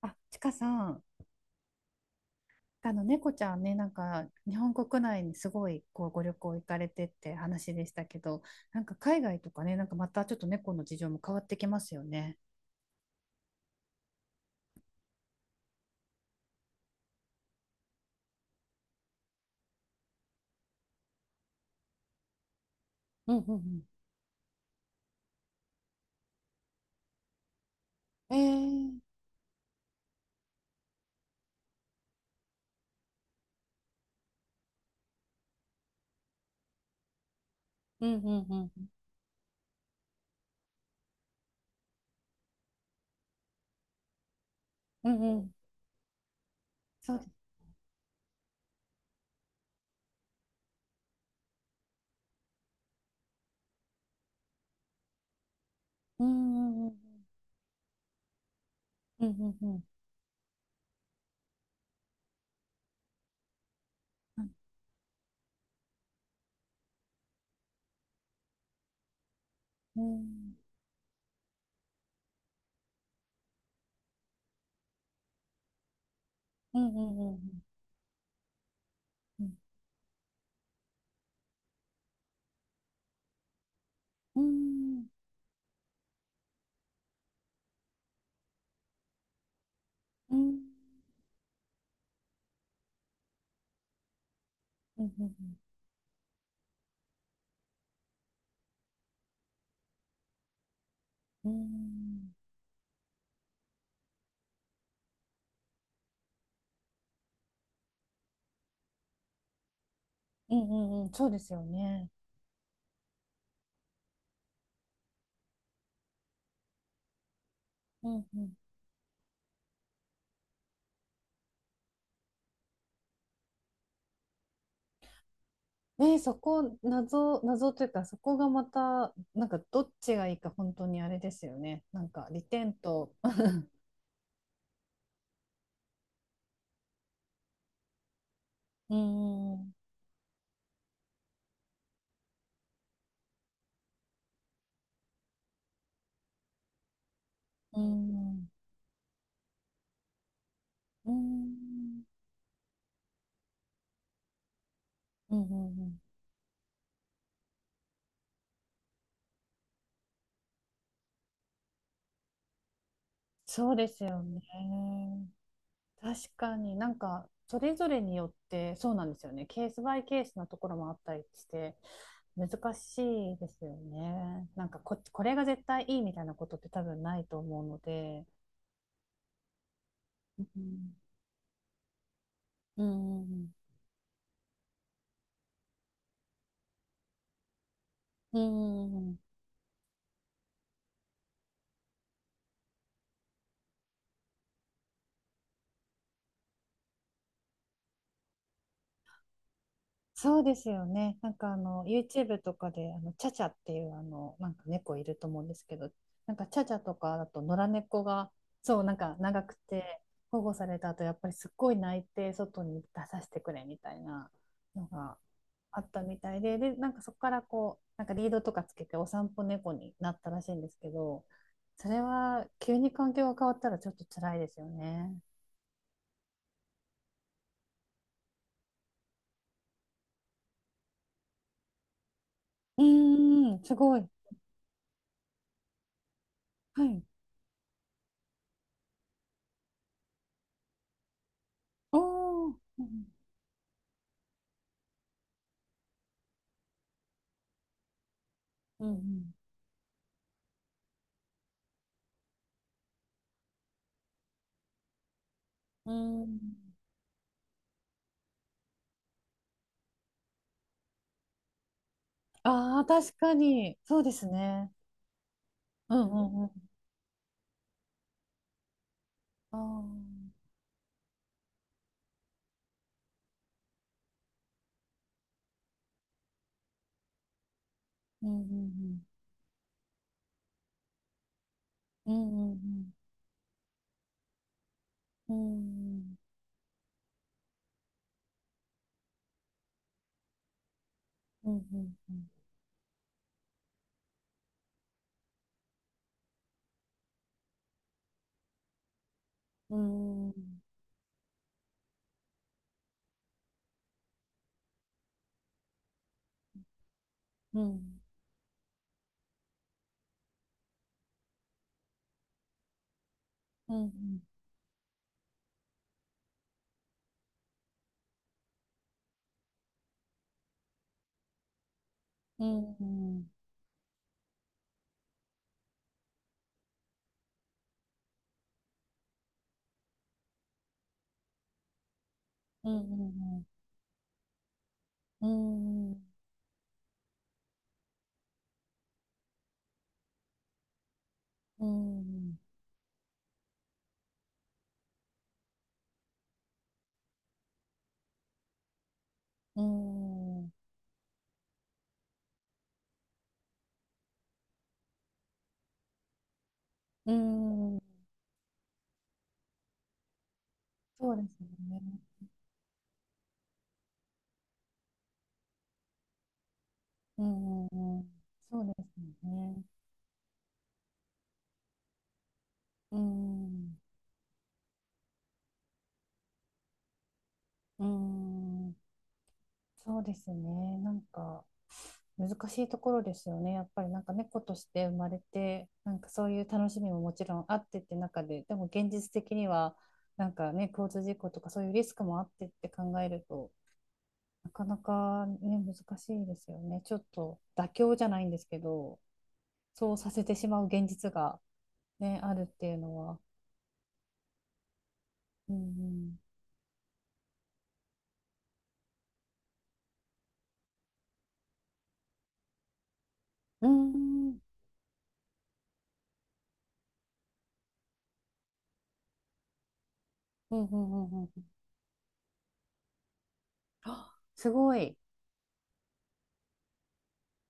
あ、ちかさん、あの猫ちゃんね、なんか日本国内にすごいこうご旅行行かれてって話でしたけど、なんか海外とかね、なんかまたちょっと猫の事情も変わってきますよね。うんうんえー、うん。うんうんうん。うんうん。そうです。うんうんうん。うんうんうんうん。うんうんうん。うんうんうん。うんうんうん。うんうんうん。そうですよね。うんうん。ね、そこ、謎というか、そこがまた、なんか、どっちがいいか、本当にあれですよね。なんか、利点と、うーん、うーん、うーん、うんうんうん。そうですよね。確かになんか、それぞれによって、そうなんですよね。ケースバイケースなところもあったりして、難しいですよね。なんかこれが絶対いいみたいなことって多分ないと思うので。うん、うん、うん、うん、そうですよね。なんかあの YouTube とかであのチャチャっていうあのなんか猫いると思うんですけど、なんかチャチャとかだと野良猫がそうなんか長くて保護された後やっぱりすっごい泣いて外に出させてくれみたいなのがあったみたいで、でなんかそこからこうなんかリードとかつけてお散歩猫になったらしいんですけど、それは急に環境が変わったらちょっと辛いですよね。うーん、すごい。はい。おー。うんうんうんうん。ああ、確かに。そうですね。うんうんうん。ああ。うんうんうん。うんうんうん。うんうんうん。うんうんうん。うんうんうん。うんうんうん。うん。そうですよね。うんうんうん。そうですよね。うん。うん。そうですね。なんか。難しいところですよね。やっぱりなんか猫として生まれて、なんかそういう楽しみももちろんあってって中で、でも現実的には、なんかね、交通事故とかそういうリスクもあってって考えると、なかなかね、難しいですよね。ちょっと妥協じゃないんですけど、そうさせてしまう現実がね、あるっていうのは。うんうん。うんうん。うんうんうんうん。あすごい。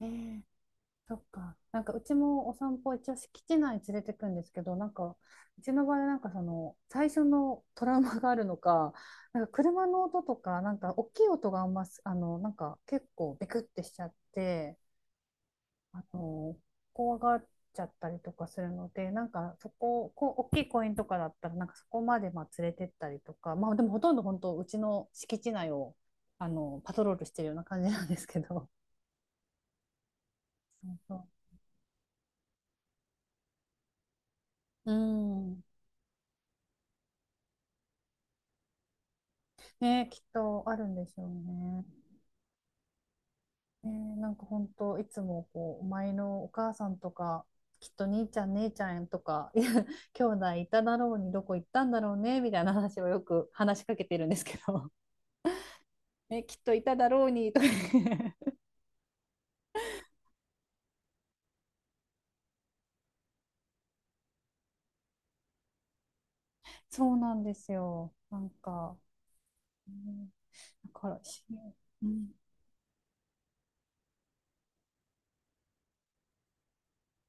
えーそっか。なんかうちもお散歩一応敷地内に連れてくんですけど、なんかうちの場合なんかその最初のトラウマがあるのか、なんか車の音とか、なんか大きい音があんます、あの、なんか結構ビクってしちゃって、あの、怖がっちゃったりとかするので、なんかそこ、こう、大きい公園とかだったら、なんかそこまでまあ連れてったりとか、まあでもほとんど本当うちの敷地内をあのパトロールしてるような感じなんですけど。そうそう。うん。ね、きっとあるんでしょうね。なんか本当いつもこうお前のお母さんとかきっと兄ちゃん姉ちゃんとかいや兄弟いただろうにどこ行ったんだろうねみたいな話をよく話しかけてるんですけど ねきっといただろうにとか そうなんですよなんか、うんだからし、うん、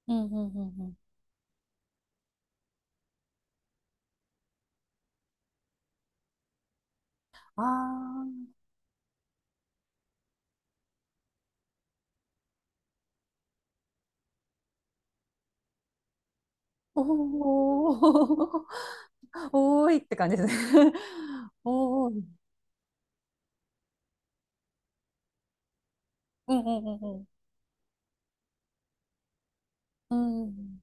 うんうんうんうんあーおー おーいって感じですね おーいうんうんうんうんうん。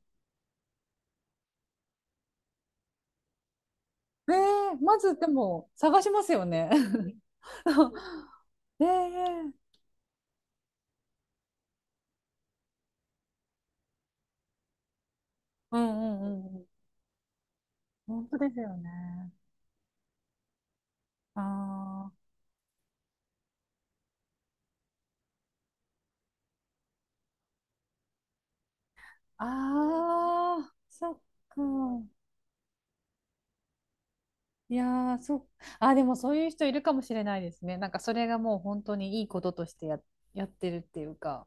ねええ、まずでも探しますよね。ええ。うんうんうんうん。本当ですよね。ああ、ああ、そっか。いやー、あー、でもそういう人いるかもしれないですね。なんかそれがもう本当にいいこととしてやってるっていうか。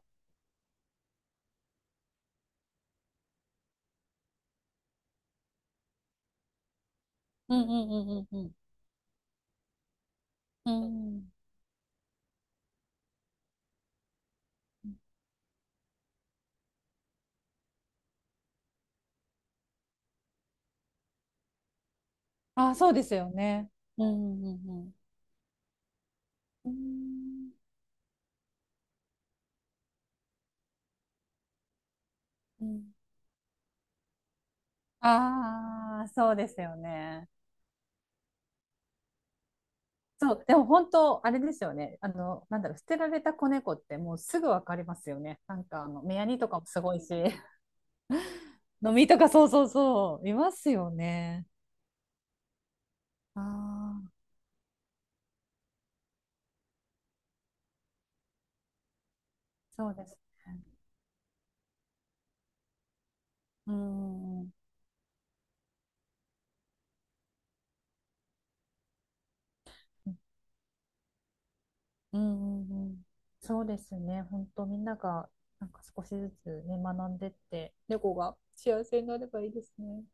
うんうんうんうんうん。うん。あー、そうですよね。うんうんうんうん。うん。ああー、そうですよね。そう、でも本当、あれですよね。あの、なんだろう、捨てられた子猫ってもうすぐわかりますよね。なんか、目やにとかもすごいし、飲みとかそうそうそう、いますよね。ああ、そうですね。うん、うん、うん、うん。そうですね。本当、みんなが、なんか少しずつね、学んでって、猫が幸せになればいいですね。